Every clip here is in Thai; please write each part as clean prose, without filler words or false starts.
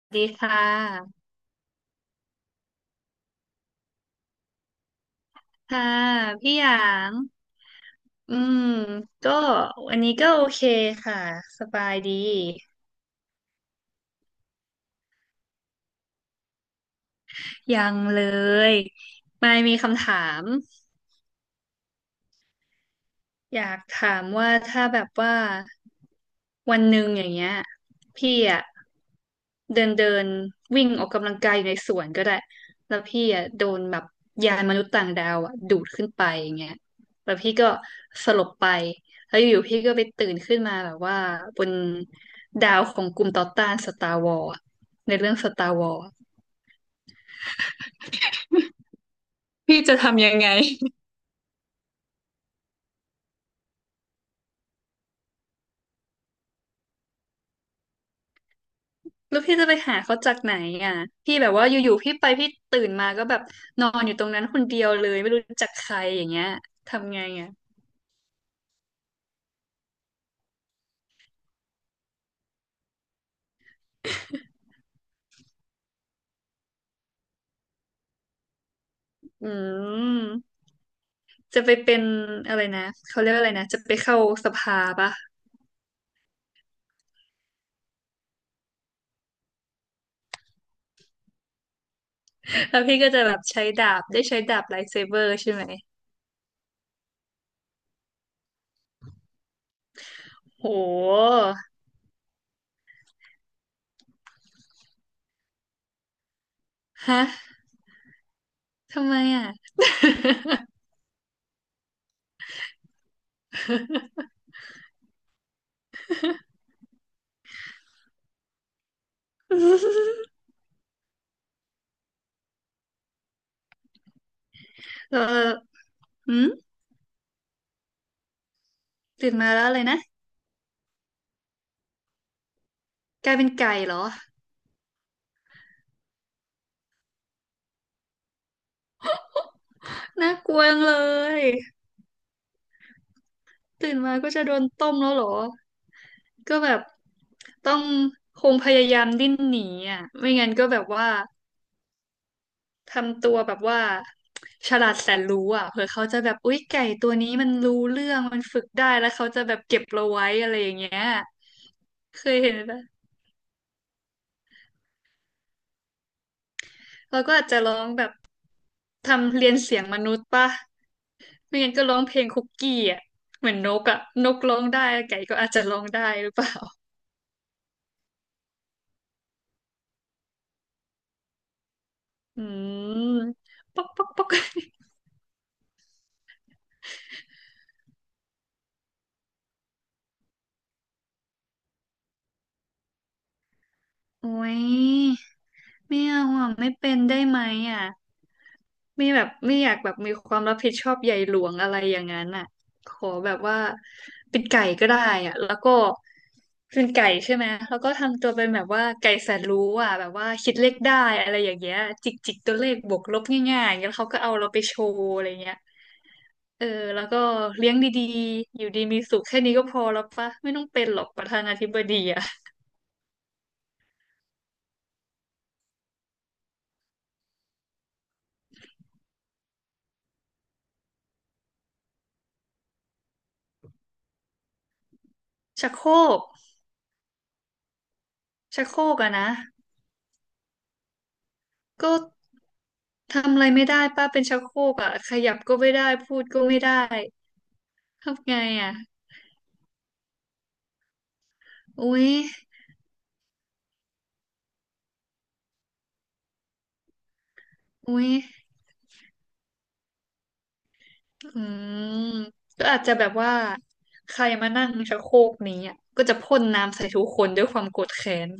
สวัสดีค่ะค่ะ พี่หยาง อืมก็วันนี้ก็โอเคค่ะสบายดียังเลยไม่มีคำถาม อยากถามว่าถ้าแบบว่าวันหนึ่งอย่างเงี้ยพี่อะเดินเดินวิ่งออกกำลังกายอยู่ในสวนก็ได้แล้วพี่อะโดนแบบยานมนุษย์ต่างดาวอะดูดขึ้นไปอย่างเงี้ยแล้วพี่ก็สลบไปแล้วอยู่ๆพี่ก็ไปตื่นขึ้นมาแบบว่าบนดาวของกลุ่มต่อต้านสตาร์วอร์ในเรื่องสตาร์วอร์พี่จะทำยังไง แล้วพี่จะไปหาเขาจากไหนอ่ะ พี่แบบว่าอยู่ๆพี่ไปพี่ตื่นมาก็แบบนอนอยู่ตรงนั้นคนเดียวเลยไม่รู้จักใครอย่างเงี้ยทำไงอ่ะอืมจะไปเป็นอะไรนะเขาเรียกว่าอะไรนะจะไปเข้าสภาปะ แล้วพี่ก็จะแบบใช้ดาบได้ใช้ดาบไลท์เซเบอร์ใช่ไหมโหฮะทำไมอ่ะ เอออืมตื่นมาแล้วอะไรนะกลายเป็นไก่เหรอน่ากลัวจังเลยตื่นมาก็จะโดนต้มแล้วเหรอ ก็แบบต้องคงพยายามดิ้นหนีอ่ะไม่งั้นก็แบบว่าทำตัวแบบว่าฉลาดแสนรู้อ่ะเผื่อเขาจะแบบอุ๊ยไก่ตัวนี้มันรู้เรื่องมันฝึกได้แล้วเขาจะแบบเก็บเราไว้อะไรอย่างเงี้ยเคยเห็นปะเราก็อาจจะร้องแบบทำเรียนเสียงมนุษย์ปะไม่งั้นก็ร้องเพลงคุกกี้อ่ะเหมือนนกอ่ะนกร้องได้ไก่ก็อาจจะร้องได้หรือเปล่าอืมป๊อกป๊อกป๊อก โอ้ยไม่เอาอ่ะไม่เป็นได้ไหมอ่ะไม่แบบไม่อยากแบบมีความรับผิดชอบใหญ่หลวงอะไรอย่างนั้นอ่ะขอแบบว่าเป็นไก่ก็ได้อ่ะแล้วก็เป็นไก่ใช่ไหมแล้วก็ทำตัวเป็นแบบว่าไก่แสนรู้อ่ะแบบว่าคิดเลขได้อะไรอย่างเงี้ยจิกจิกตัวเลขบวกลบง่ายๆอย่างเงี้ยแล้วเขาก็เอาเราไปโชว์อะไรเงี้ยเออแล้วก็เลี้ยงดีๆอยู่ดีมีสุขแค่นี้ก็พอแล้วปะไม่ต้องเป็นหรอกประธานาธิบดีอ่ะชักโครกชักโครกอะนะก็ ทำอะไรไม่ได้ป้าเป็นชักโครกอ่ะขยับก็ไม่ได้พูดก็ไม่ได้ทำไงอ่ะอุ๊ยอุ๊ยอืมก็อาจจะแบบว่าใครมานั่งชักโครกนี้อ่ะก็จะพ่นน้ำใส่ทุกคนด้วยความโกรธแค้น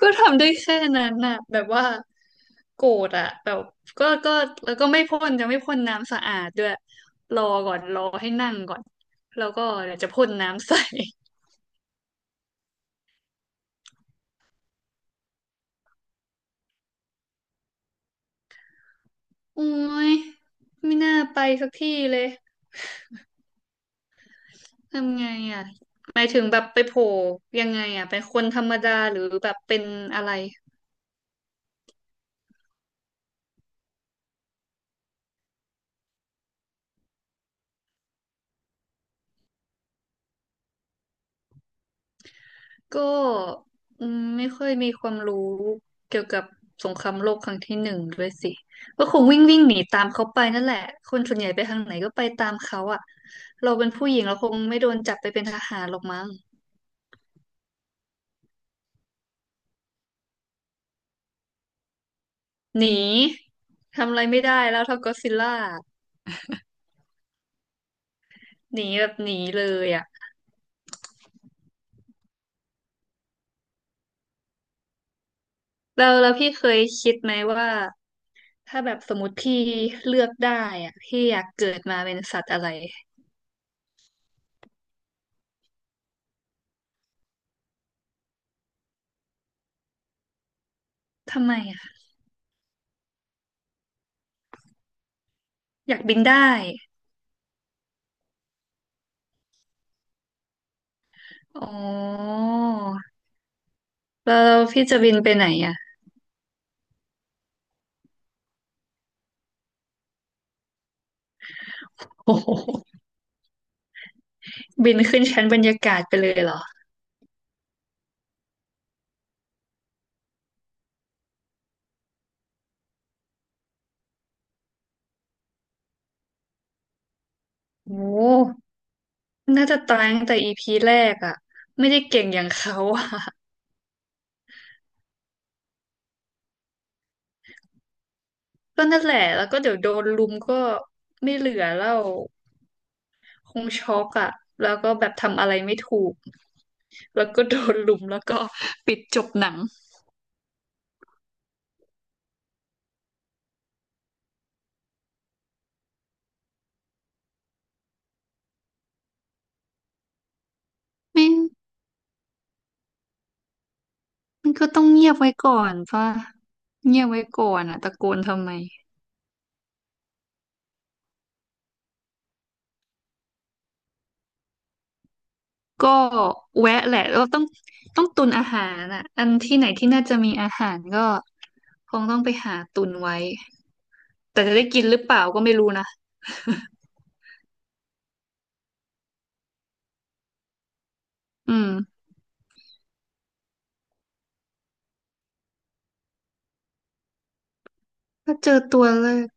ก็ทำได้แค่นั้นน่ะแบบว่าโกรธอ่ะแบบก็แล้วก็ไม่พ่นจะไม่พ่นน้ำสะอาดด้วยรอก่อนรอให้นั่งก่อนแล้วก็เดี๋ยวจะพ่นน้ำใส่ โอ้ยไม่น่าไปสักที่เลย ทำไงอ่ะหมายถึงแบบไปโผล่ยังไงอ่ะเป็นคนธรรมดาหรือแบบเป็นอะไรก็อืมไม่ค่อยมีความรู้เกี่ยวกับสงครามโลกครั้งที่หนึ่งด้วยสิก็คงวิ่งวิ่งหนีตามเขาไปนั่นแหละคนส่วนใหญ่ไปทางไหนก็ไปตามเขาอ่ะเราเป็นผู้หญิงเราคงไม่โดนจับไปเป็นทหารหรอกมั้งหนีทำอะไรไม่ได้แล้วเท่าก็อดซิลล่าหนีแบบหนีเลยอ่ะแล้วพี่เคยคิดไหมว่า ถ้าแบบสมมติพี่เลือกได้อะพี่อยากเกิดมาเป็นสัตว์อะไรทำไมอะอยากบินได้อ๋อแล้วพี่จะบินไปไหนอะโอ้โห บินขึ้นชั้นบรรยากาศไปเลยเหรอโอ้น่าจะตายตั้งแต่EPแรกอะไม่ได้เก่งอย่างเขาอะ ก็นั่นแหละแล้วก็เดี๋ยวโดนลุมก็ไม่เหลือแล้วคงช็อกอะแล้วก็แบบทำอะไรไม่ถูกแล้วก็โดนลุมแล้วก็ปิดจบหนังไม่ มันก็ต้องเงียบไว้ก่อนป่ะเงียบไว้ก่อนอ่ะตะโกนทำไมก็แวะแหละเราต้องตุนอาหารอ่ะอันที่ไหนที่น่าจะมีอาหารก็คงต้องไปหาตุนไว้แต่จะได้กินหรือเปล่าก็ไม่รู้นะอืมถ้าเจอตัวแรก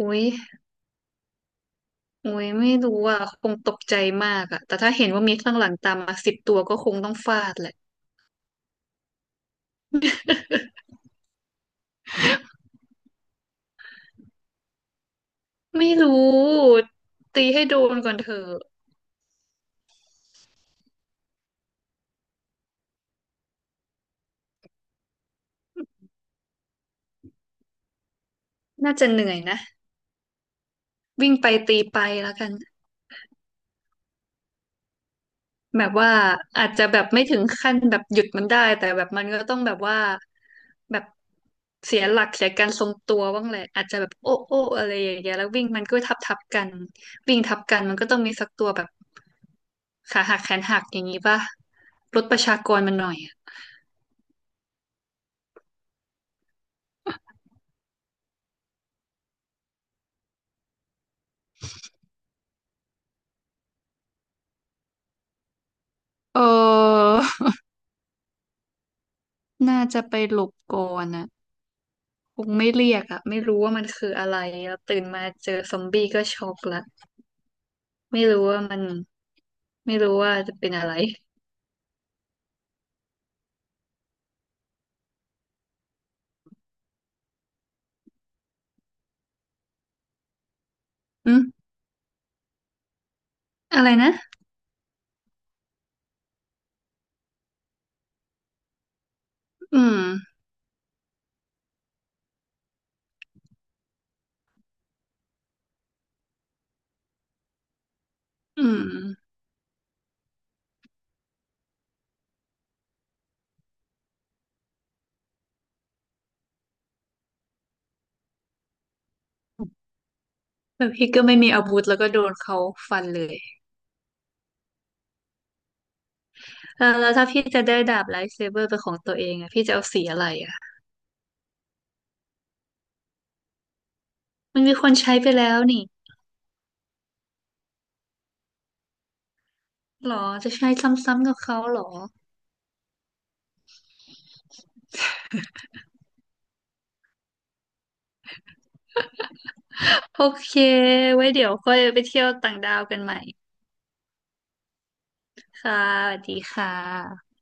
อุ้ยอุ้ยไม่รู้อ่ะคงตกใจมากอ่ะแต่ถ้าเห็นว่ามีข้างหลังตามมา10 ตัวก็คงต้องฟาดแหละไม่รู้ตีให้โดนก่อนเถอะน่าจะเหนื่อยนะวิ่งไปตีไปแล้วกัน แบบว่าอาจจะแบบไม่ถึงขั้นแบบหยุดมันได้แต่แบบมันก็ต้องแบบว่าแบบเสียหลักเสียการทรงตัวบ้างแหละอาจจะแบบโอ้โอ้อะไรอย่างเงี้ยแล้ววิ่งมันก็ทับทับกันวิ่งทับกันมันก็ต้องมีสักตัวแบบขาหักแขนหักอย่างงี้ป่ะลดประชากรมันหน่อยอะเออน่าจะไปหลบก่อนอ่ะคงไม่เรียกอ่ะไม่รู้ว่ามันคืออะไรแล้วตื่นมาเจอซอมบี้ก็ช็อกละไม่รู้ว่ามันไม่รู้ว่าจะเป็นอะไรอืมอะไรนะอืม อืมแต่พี่ก็ไม่มีอาวุธแล้วก็โดนเขาฟันเลยแล้วถ้าพี่จะได้ดาบไลท์เซเบอร์เป็นของตัวเองอะพี่จะเอาสีอะไรอะมันมีคนใช้ไปแล้วนี่หรอจะใช้ซ้ำๆกับเขาหรอโอเคไว้เดี๋ยวค่อยไปเที่ยวต่างดาวกันใหม่ค่ะสวัสดีค่ะ